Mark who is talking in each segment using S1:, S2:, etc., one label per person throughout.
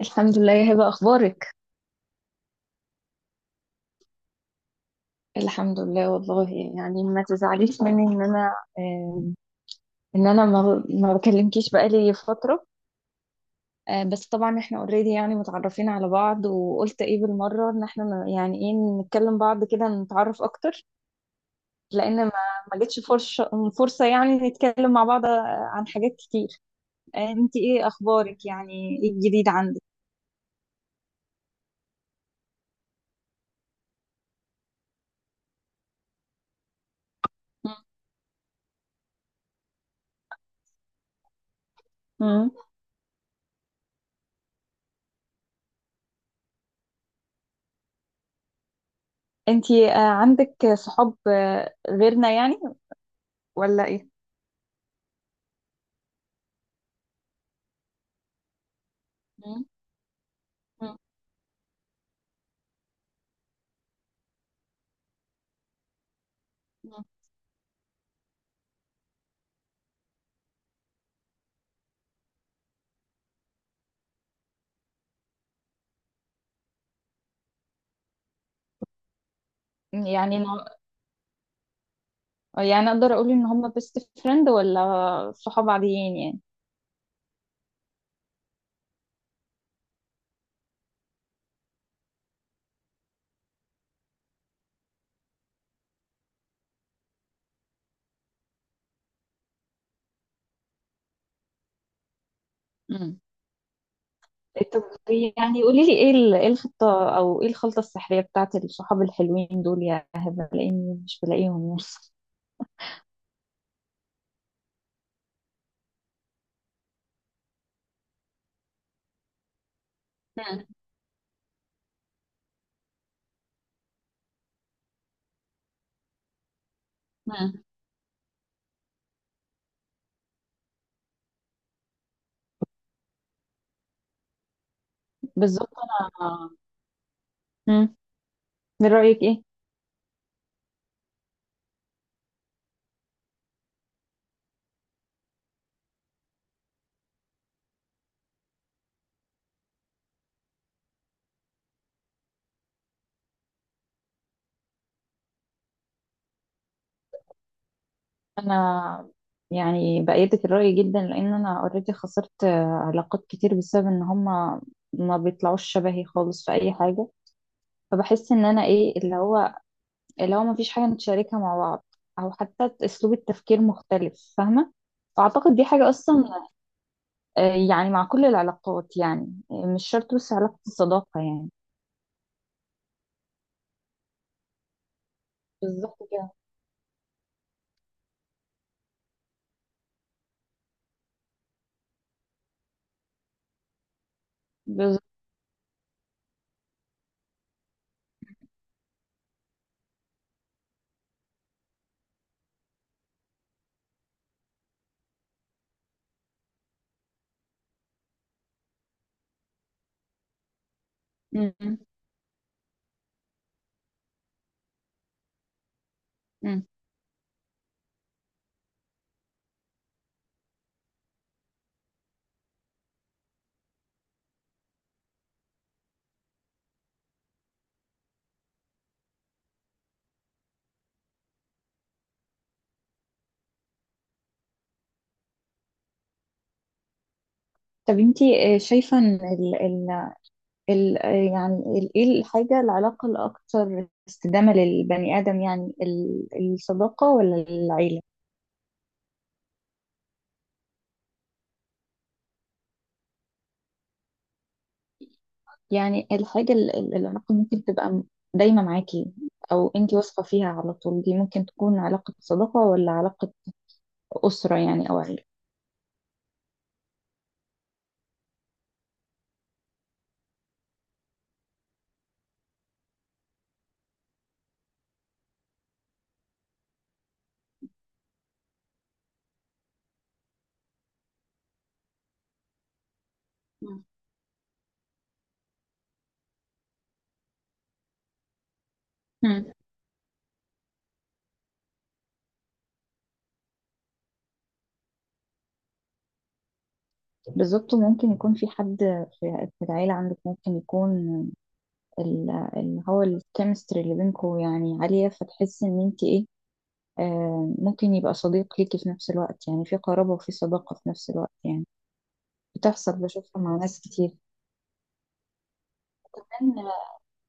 S1: الحمد لله يا هبة أخبارك. الحمد لله والله. يعني ما تزعليش مني إن أنا إن أنا ما بكلمكيش بقالي فترة. بس طبعا إحنا أوريدي يعني متعرفين على بعض وقلت إيه بالمرة إن إحنا إيه نتكلم بعض كده نتعرف أكتر. لأن ما ما جتش فرصة يعني نتكلم مع بعض، عن حاجات كتير. إنتي إيه أخبارك يعني، إيه الجديد عندك؟ مم. مم. إنتي عندك صحاب غيرنا يعني ولا إيه؟ مم. مم. يعني أنا- يعني اقدر اقول ان هم بيست فريند ولا صحاب عاديين يعني؟ امم. طب يعني قولي لي ايه الخطة او ايه الخلطة السحرية بتاعت الصحاب الحلوين دول يا هبة لاني مش بلاقيهم؟ يعني. امم. بالظبط انا. مم. من رأيك ايه؟ انا يعني بأيدك الرأي جدا لان انا اوريدي خسرت، علاقات كتير بسبب ان هم ما بيطلعوش شبهي خالص في اي حاجة. فبحس ان انا ايه اللي هو مفيش حاجة نتشاركها مع بعض، أو حتى أسلوب التفكير مختلف، فاهمة؟ فأعتقد دي حاجة أصلا. آه، يعني مع كل العلاقات يعني، مش شرط بس علاقة الصداقة يعني. بالظبط كده. بالظبط. م- م- م. طب انتي شايفة ان ال ال ال يعني ال- ايه الحاجة العلاقة الأكثر استدامة للبني آدم يعني الصداقة ولا العيلة؟ يعني العلاقة ممكن تبقى دايمة معاكي، أو أنتي واثقة فيها على طول. دي ممكن تكون علاقة صداقة ولا علاقة أسرة يعني أو عيلة؟ مم. مم. بالظبط ممكن يكون في حد، في في العيلة عندك ممكن يكون ال- اللي هو الكيمستري اللي بينكم يعني عالية، فتحسي إن أنتي إيه، ممكن يبقى صديق ليكي في نفس الوقت، يعني في قرابة وفي صداقة في نفس الوقت يعني. بتحصل، بشوفها مع ناس كتير كمان.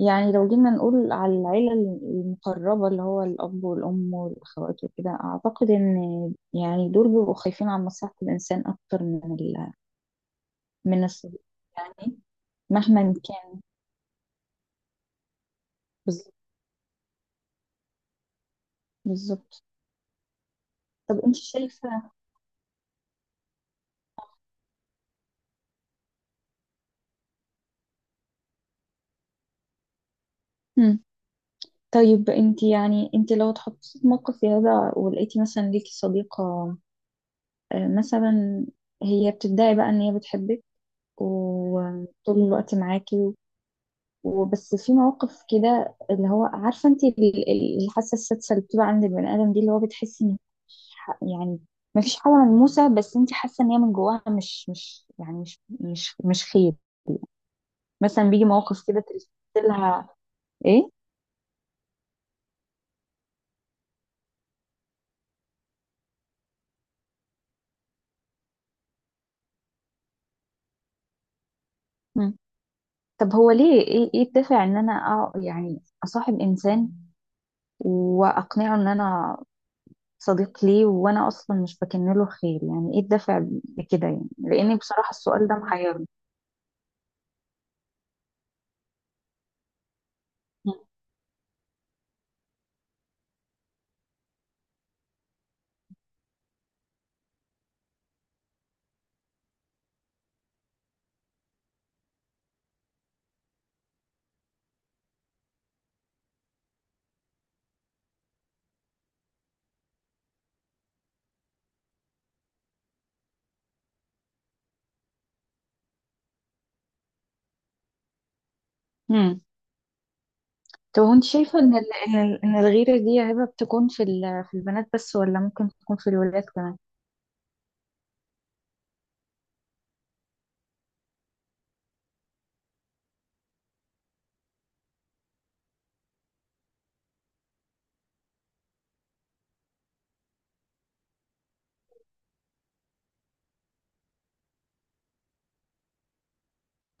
S1: يعني لو جينا نقول على العيلة المقربة اللي هو الأب والأم والأخوات وكده، أعتقد إن يعني دول بيبقوا خايفين على مصلحة الإنسان أكتر من من الصديق يعني مهما كان. بالظبط. بالظبط. طب أنت شايفة. مم. طيب أنت يعني أنت لو اتحطيتي في موقف زي هذا، ولقيتي مثلا ليكي صديقة، مثلا هي بتدعي بقى إن هي بتحبك وطول الوقت معاكي، وبس في مواقف كده اللي هو عارفه انت الحاسه السادسه اللي بتبقى عند البني ادم دي، اللي هو بتحسي ان مفيش ح- يعني ما فيش حاجه ملموسه، بس انت حاسه ان هي من جواها مش مش يعني مش مش مش خير. مثلا بيجي مواقف كده تحسي لها. ايه؟ مم. طب هو ليه، ايه الدافع ان انا اصاحب انسان واقنعه ان انا صديق ليه وانا اصلا مش بكن له خير؟ يعني ايه الدافع بكده؟ يعني لان بصراحه السؤال ده محيرني. مم. طب وانت شايفة ان ان الغيرة دي يا هبة بتكون في في البنات بس ولا ممكن تكون في الولاد كمان؟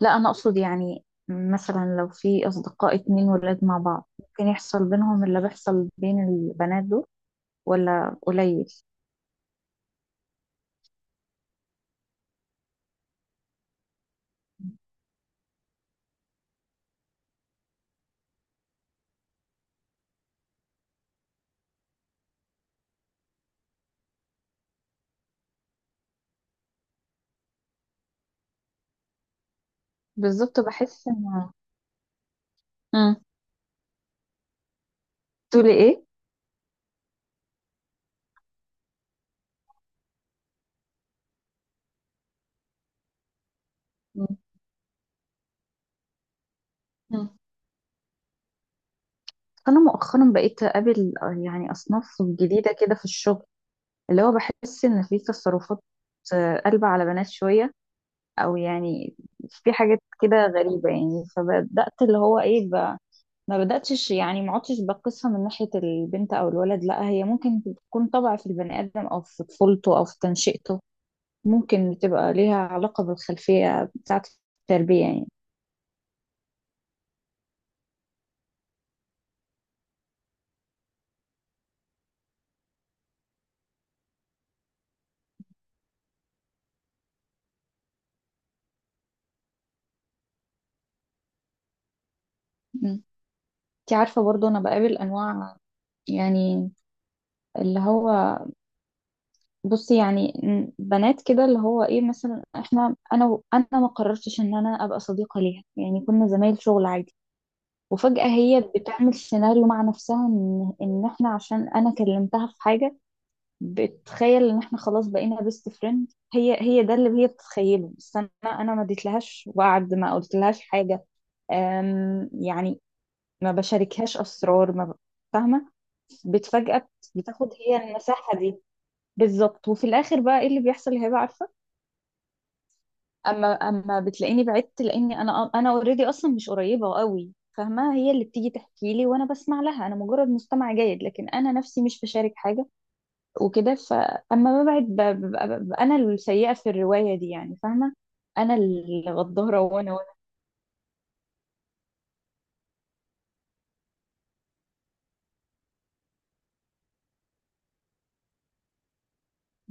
S1: لا انا اقصد يعني مثلا لو في اصدقاء اتنين ولاد مع بعض، ممكن يحصل بينهم اللي بيحصل بين البنات دول ولا قليل؟ بالظبط بحس ان. امم. تقولي ايه؟ مم. انا مؤخرا بقيت اقابل، يعني اصناف جديدة كده في الشغل، اللي هو بحس ان في تصرفات قلبة على بنات شوية، او يعني في حاجات كده غريبة يعني. فبدأت اللي هو ايه ب... ما بدأتش يعني ما عدتش بقيسها من ناحية البنت او الولد، لا هي ممكن تكون طبع في البني آدم او في طفولته او في تنشئته. ممكن بتبقى ليها علاقة بالخلفية بتاعة التربية يعني. مم. انت عارفة برضو انا بقابل انواع يعني، اللي هو بصي يعني بنات كده اللي هو ايه، مثلا احنا انا ما قررتش ان انا ابقى صديقة ليها، يعني كنا زمايل شغل عادي. وفجأة هي بتعمل سيناريو مع نفسها ان احنا عشان انا كلمتها في حاجة، بتخيل ان احنا خلاص بقينا بيست فريند. هي ده اللي هي بتتخيله، بس انا ما اديتلهاش وعد، ما قلتلهاش حاجة، أم يعني ما بشاركهاش اسرار، ما ب- فاهمة بتفجأة بتاخد هي المساحة دي. بالظبط. وفي الاخر بقى ايه اللي بيحصل هبة؟ عارفة، اما اما بتلاقيني بعدت لاني انا اوريدي اصلا مش قريبه قوي، فاهمه؟ هي اللي بتيجي تحكي لي وانا بسمع لها، انا مجرد مستمع جيد، لكن انا نفسي مش بشارك حاجه وكده. فاما ببعد ببقى انا السيئه في الروايه دي يعني، فاهمه؟ انا الغداره وانا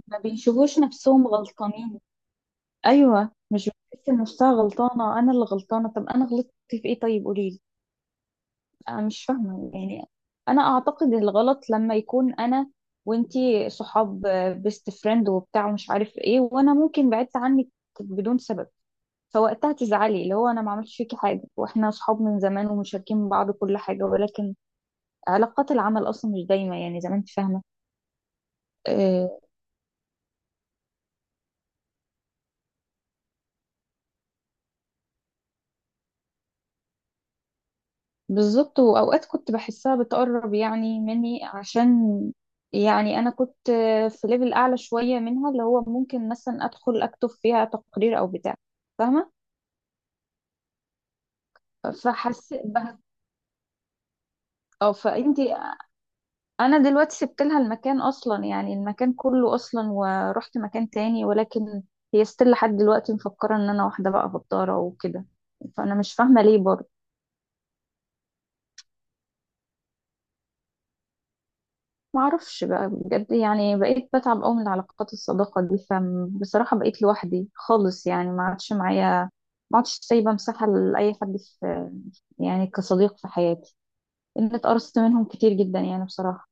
S1: ما بيشوفوش نفسهم غلطانين. ايوه، مش بتحس إن نفسها غلطانه، انا اللي غلطانه. طب انا غلطت في ايه؟ طيب قولي. انا مش فاهمه يعني. انا اعتقد الغلط لما يكون انا وانتي صحاب بيست فريند وبتاع ومش عارف ايه، وانا ممكن بعدت عنك بدون سبب، فوقتها تزعلي اللي هو انا ما عملتش فيكي حاجه واحنا صحاب من زمان ومشاركين بعض كل حاجه، ولكن علاقات العمل اصلا مش دايمه يعني زي ما انت فاهمه. آه. بالظبط. واوقات كنت بحسها بتقرب يعني مني عشان يعني انا كنت، في ليفل اعلى شويه منها، اللي هو ممكن مثلا ادخل اكتب فيها تقرير او بتاع، فاهمه؟ فحسيت به... او فانتي، انا دلوقتي سبت لها المكان اصلا يعني، المكان كله اصلا، ورحت مكان تاني، ولكن هي ستيل لحد دلوقتي مفكره ان انا واحده بقى غداره وكده. فانا مش فاهمه ليه برضه. ما اعرفش بقى بجد يعني، بقيت بتعب قوي من العلاقات الصداقه دي، فبصراحه بقيت لوحدي خالص يعني. ما عادش معايا، ما عادش سايبه مساحه لاي حد في يعني كصديق في حياتي، ان اتقرصت منهم كتير جدا يعني بصراحه.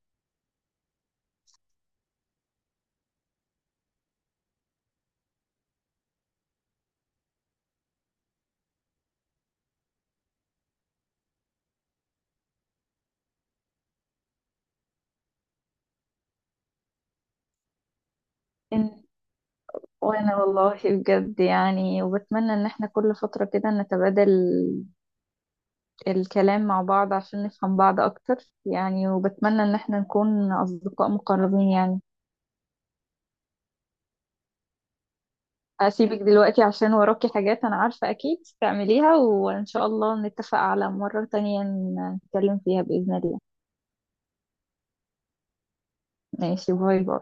S1: وانا والله بجد يعني، وبتمنى ان احنا كل فترة كده نتبادل الكلام مع بعض عشان نفهم بعض اكتر يعني، وبتمنى ان احنا نكون اصدقاء مقربين يعني. هسيبك دلوقتي عشان وراكي حاجات انا عارفة اكيد تعمليها، وان شاء الله نتفق على مرة تانية نتكلم فيها بإذن الله. ماشي، باي باي.